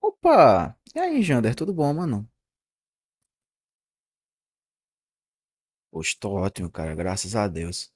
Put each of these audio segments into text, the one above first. Opa! E aí, Jander, tudo bom, mano? Poxa, tô ótimo, cara, graças a Deus.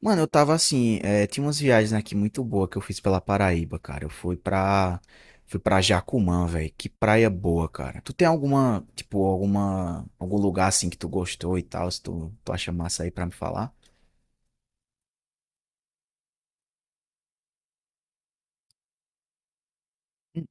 Mano, eu tava assim, tinha umas viagens aqui muito boas que eu fiz pela Paraíba, cara. Fui pra Jacumã, velho. Que praia boa, cara. Tu tem alguma, tipo, algum lugar assim que tu gostou e tal, se tu acha massa aí pra me falar? Hum.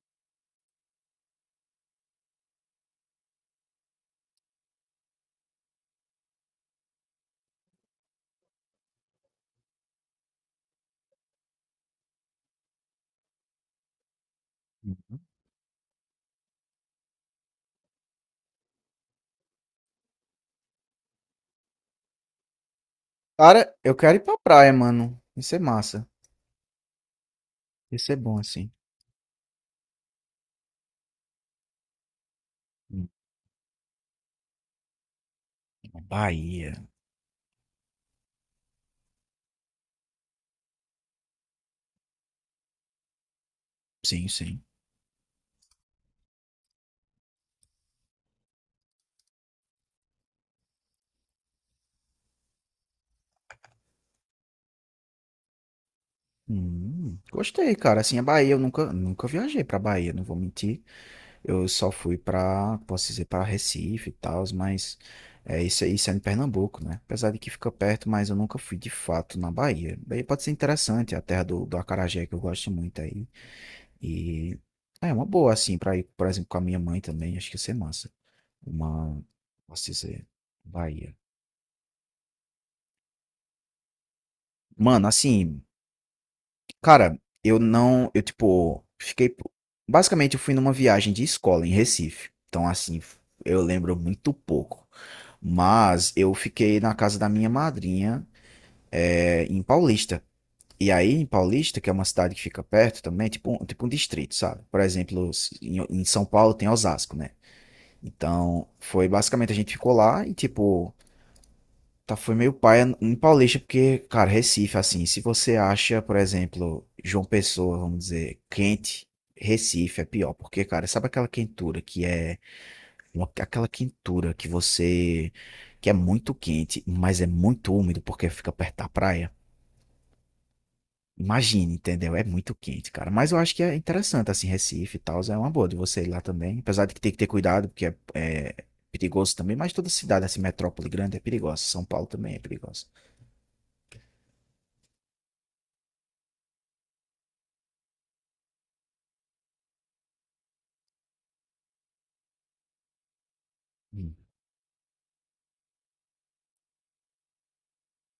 Uhum. Cara, eu quero ir pra praia, mano. Isso é massa. Isso é bom, assim. Hum, Bahia. Sim, sim. Gostei, cara. Assim, a Bahia, eu nunca viajei pra Bahia, não vou mentir. Eu só fui pra, posso dizer, pra Recife e tal, mas é, isso, isso é em Pernambuco, né? Apesar de que fica perto, mas eu nunca fui de fato na Bahia. Daí pode ser interessante, é a terra do acarajé que eu gosto muito aí. E é uma boa, assim, pra ir, por exemplo, com a minha mãe também, acho que ia ser massa. Uma, posso dizer, Bahia. Mano, assim, cara, eu não, eu tipo, fiquei, basicamente eu fui numa viagem de escola em Recife. Então assim, eu lembro muito pouco. Mas eu fiquei na casa da minha madrinha, é, em Paulista. E aí em Paulista, que é uma cidade que fica perto também, tipo, tipo um distrito, sabe? Por exemplo, em São Paulo tem Osasco, né? Então, foi basicamente a gente ficou lá e tipo, tá, foi meio paia em Paulista, porque, cara, Recife, assim, se você acha, por exemplo, João Pessoa, vamos dizer, quente, Recife é pior, porque, cara, sabe aquela quentura que é aquela quentura que você, que é muito quente, mas é muito úmido porque fica perto da praia? Imagine, entendeu? É muito quente, cara. Mas eu acho que é interessante, assim, Recife e tal, é uma boa de você ir lá também, apesar de que tem que ter cuidado, porque é perigoso também, mas toda cidade, assim, metrópole grande é perigosa, São Paulo também é perigosa.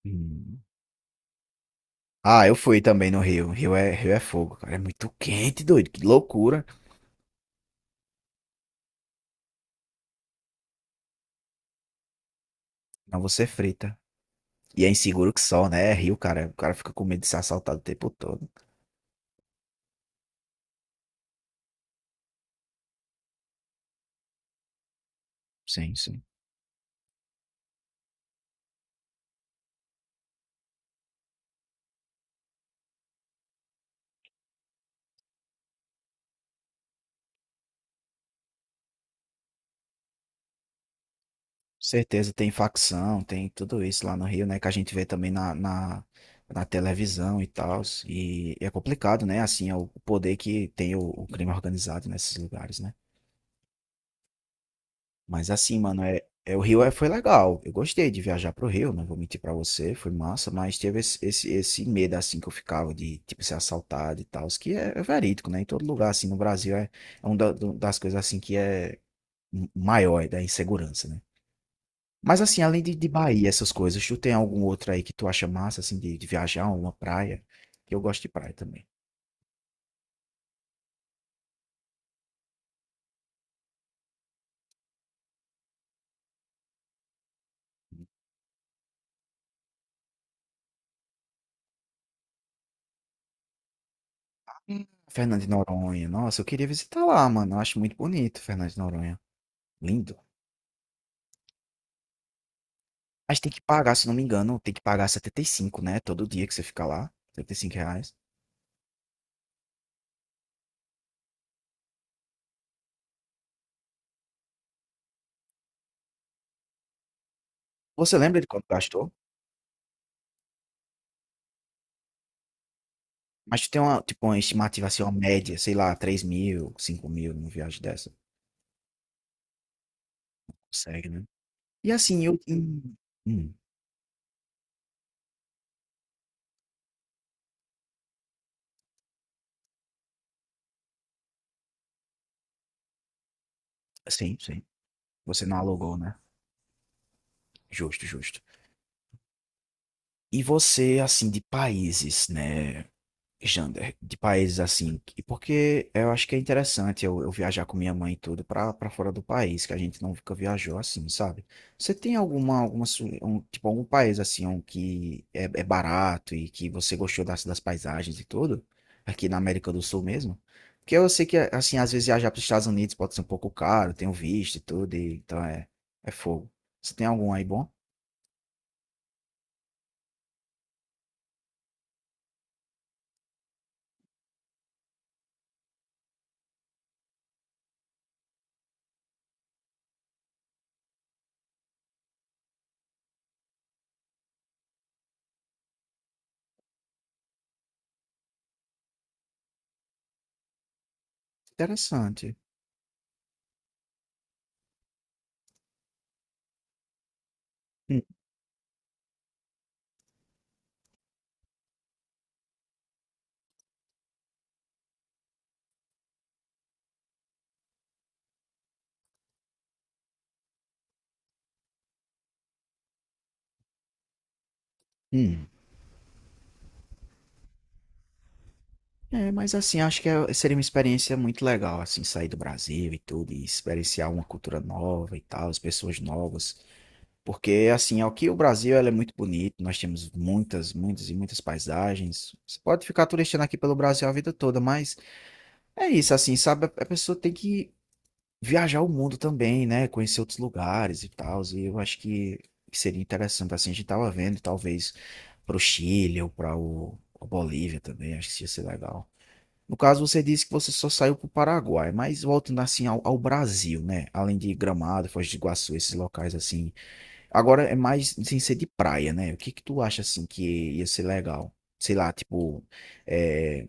Hum. Ah, eu fui também no Rio. Rio é fogo, cara. É muito quente, doido. Que loucura. Não, você frita. E é inseguro que só, né? É Rio, cara. O cara fica com medo de ser assaltado o tempo todo. Sim, sim. Certeza, tem facção, tem tudo isso lá no Rio, né? Que a gente vê também na televisão e tal. E é complicado, né? Assim, é o poder que tem o crime organizado nesses lugares, né? Mas assim, mano, é o foi legal. Eu gostei de viajar pro Rio, não vou mentir pra você, foi massa, mas teve esse medo assim que eu ficava de tipo ser assaltado e tal, que é, é verídico, né? Em todo lugar assim no Brasil é, é uma das coisas assim que é maior, é da insegurança, né? Mas assim, além de Bahia, essas coisas, tu tem algum outro aí que tu acha massa assim de viajar, uma praia? Que eu gosto de praia também. Hum. Fernando de Noronha, nossa, eu queria visitar lá, mano. Eu acho muito bonito Fernando de Noronha. Lindo. Mas tem que pagar, se não me engano, tem que pagar 75, né? Todo dia que você fica lá, R$ 75. Você lembra de quanto gastou? Mas tu tem uma, tipo, uma estimativa, assim, uma média, sei lá, 3.000, 5.000 numa viagem dessa. Consegue, né? E assim, eu. Hum, sim, sim. Você não alugou, né? Justo, justo. E você, assim, de países, né? Jander, de países assim, e porque eu acho que é interessante eu viajar com minha mãe e tudo pra fora do país, que a gente nunca viajou assim, sabe? Você tem alguma, um, tipo, algum país assim um que é, é barato e que você gostou das, das paisagens e tudo? Aqui na América do Sul mesmo? Porque eu sei que, assim, às vezes viajar pros Estados Unidos pode ser um pouco caro, tem o visto e tudo, e, então é, é fogo. Você tem algum aí bom? Interessante. Hum, hum. É, mas assim, acho que seria uma experiência muito legal, assim, sair do Brasil e tudo, e experienciar uma cultura nova e tal, as pessoas novas. Porque, assim, aqui o Brasil, ela é muito bonito, nós temos muitas, muitas e muitas paisagens. Você pode ficar turistando aqui pelo Brasil a vida toda, mas é isso, assim, sabe? A pessoa tem que viajar o mundo também, né? Conhecer outros lugares e tal, e eu acho que seria interessante, assim, a gente tava vendo, talvez, pro Chile ou pra a Bolívia também, acho que isso ia ser legal. No caso, você disse que você só saiu para o Paraguai, mas voltando assim ao Brasil, né? Além de Gramado, Foz do Iguaçu, esses locais assim. Agora é mais sem ser de praia, né? O que que tu acha assim que ia ser legal? Sei lá, tipo é,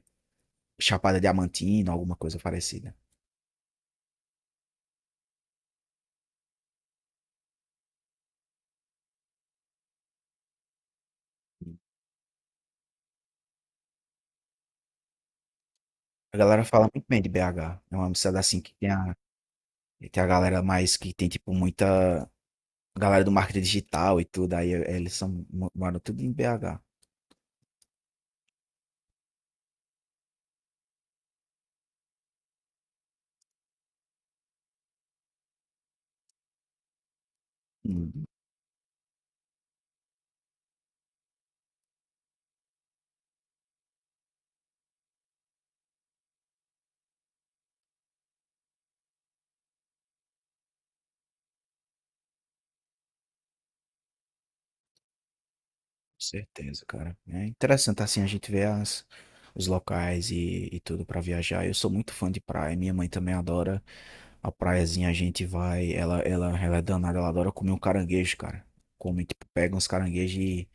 Chapada Diamantina, alguma coisa parecida. A galera fala muito bem de BH. É uma cidade assim que tem a, tem a galera mais que tem tipo muita galera do marketing digital e tudo. Aí eles são, moram tudo em BH. Certeza, cara. É interessante assim a gente ver as, os locais e tudo pra viajar. Eu sou muito fã de praia, minha mãe também adora a praiazinha, a gente vai, ela é danada, ela adora comer um caranguejo, cara. Come, tipo, pega uns caranguejos,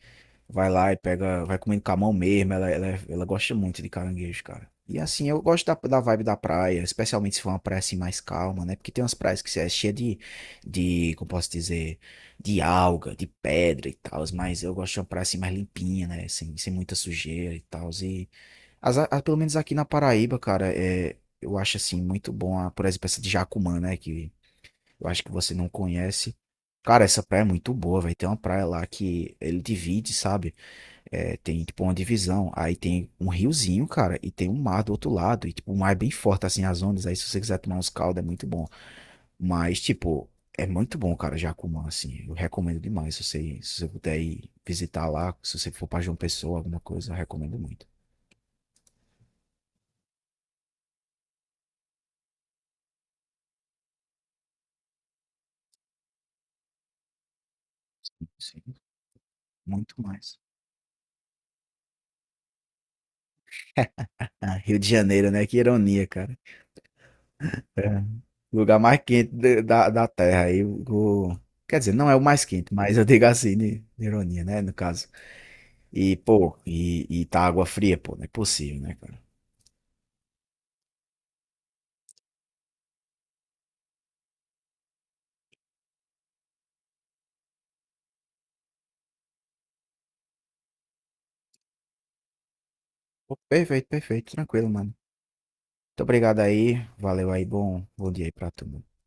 vai lá e pega, vai comendo com a mão mesmo. Ela gosta muito de caranguejo, cara. E assim, eu gosto da vibe da praia, especialmente se for uma praia assim mais calma, né? Porque tem umas praias que é cheia de, como posso dizer, de alga, de pedra e tal, mas eu gosto de uma praia assim mais limpinha, né? Sem muita sujeira e tal. E pelo menos aqui na Paraíba, cara, é, eu acho assim muito bom, a, por exemplo, essa de Jacumã, né? Que eu acho que você não conhece. Cara, essa praia é muito boa, vai. Tem uma praia lá que ele divide, sabe? É, tem, tipo, uma divisão. Aí tem um riozinho, cara, e tem um mar do outro lado. E, tipo, o mar é bem forte, assim, as ondas. Aí, se você quiser tomar uns caldos, é muito bom. Mas, tipo, é muito bom, cara, Jacumã, assim. Eu recomendo demais. Se você puder ir visitar lá, se você for pra João Pessoa, alguma coisa, eu recomendo muito. Sim, muito mais. Ah, Rio de Janeiro, né? Que ironia, cara. É. Lugar mais quente da, da da Terra. Aí, o- quer dizer, não é o mais quente, mas eu digo assim, de- ironia, né? No caso. E, pô, e tá água fria, pô, não é possível, né, cara? Pô, perfeito, perfeito, tranquilo, mano. Muito obrigado aí, valeu aí, bom dia aí pra tu, mano.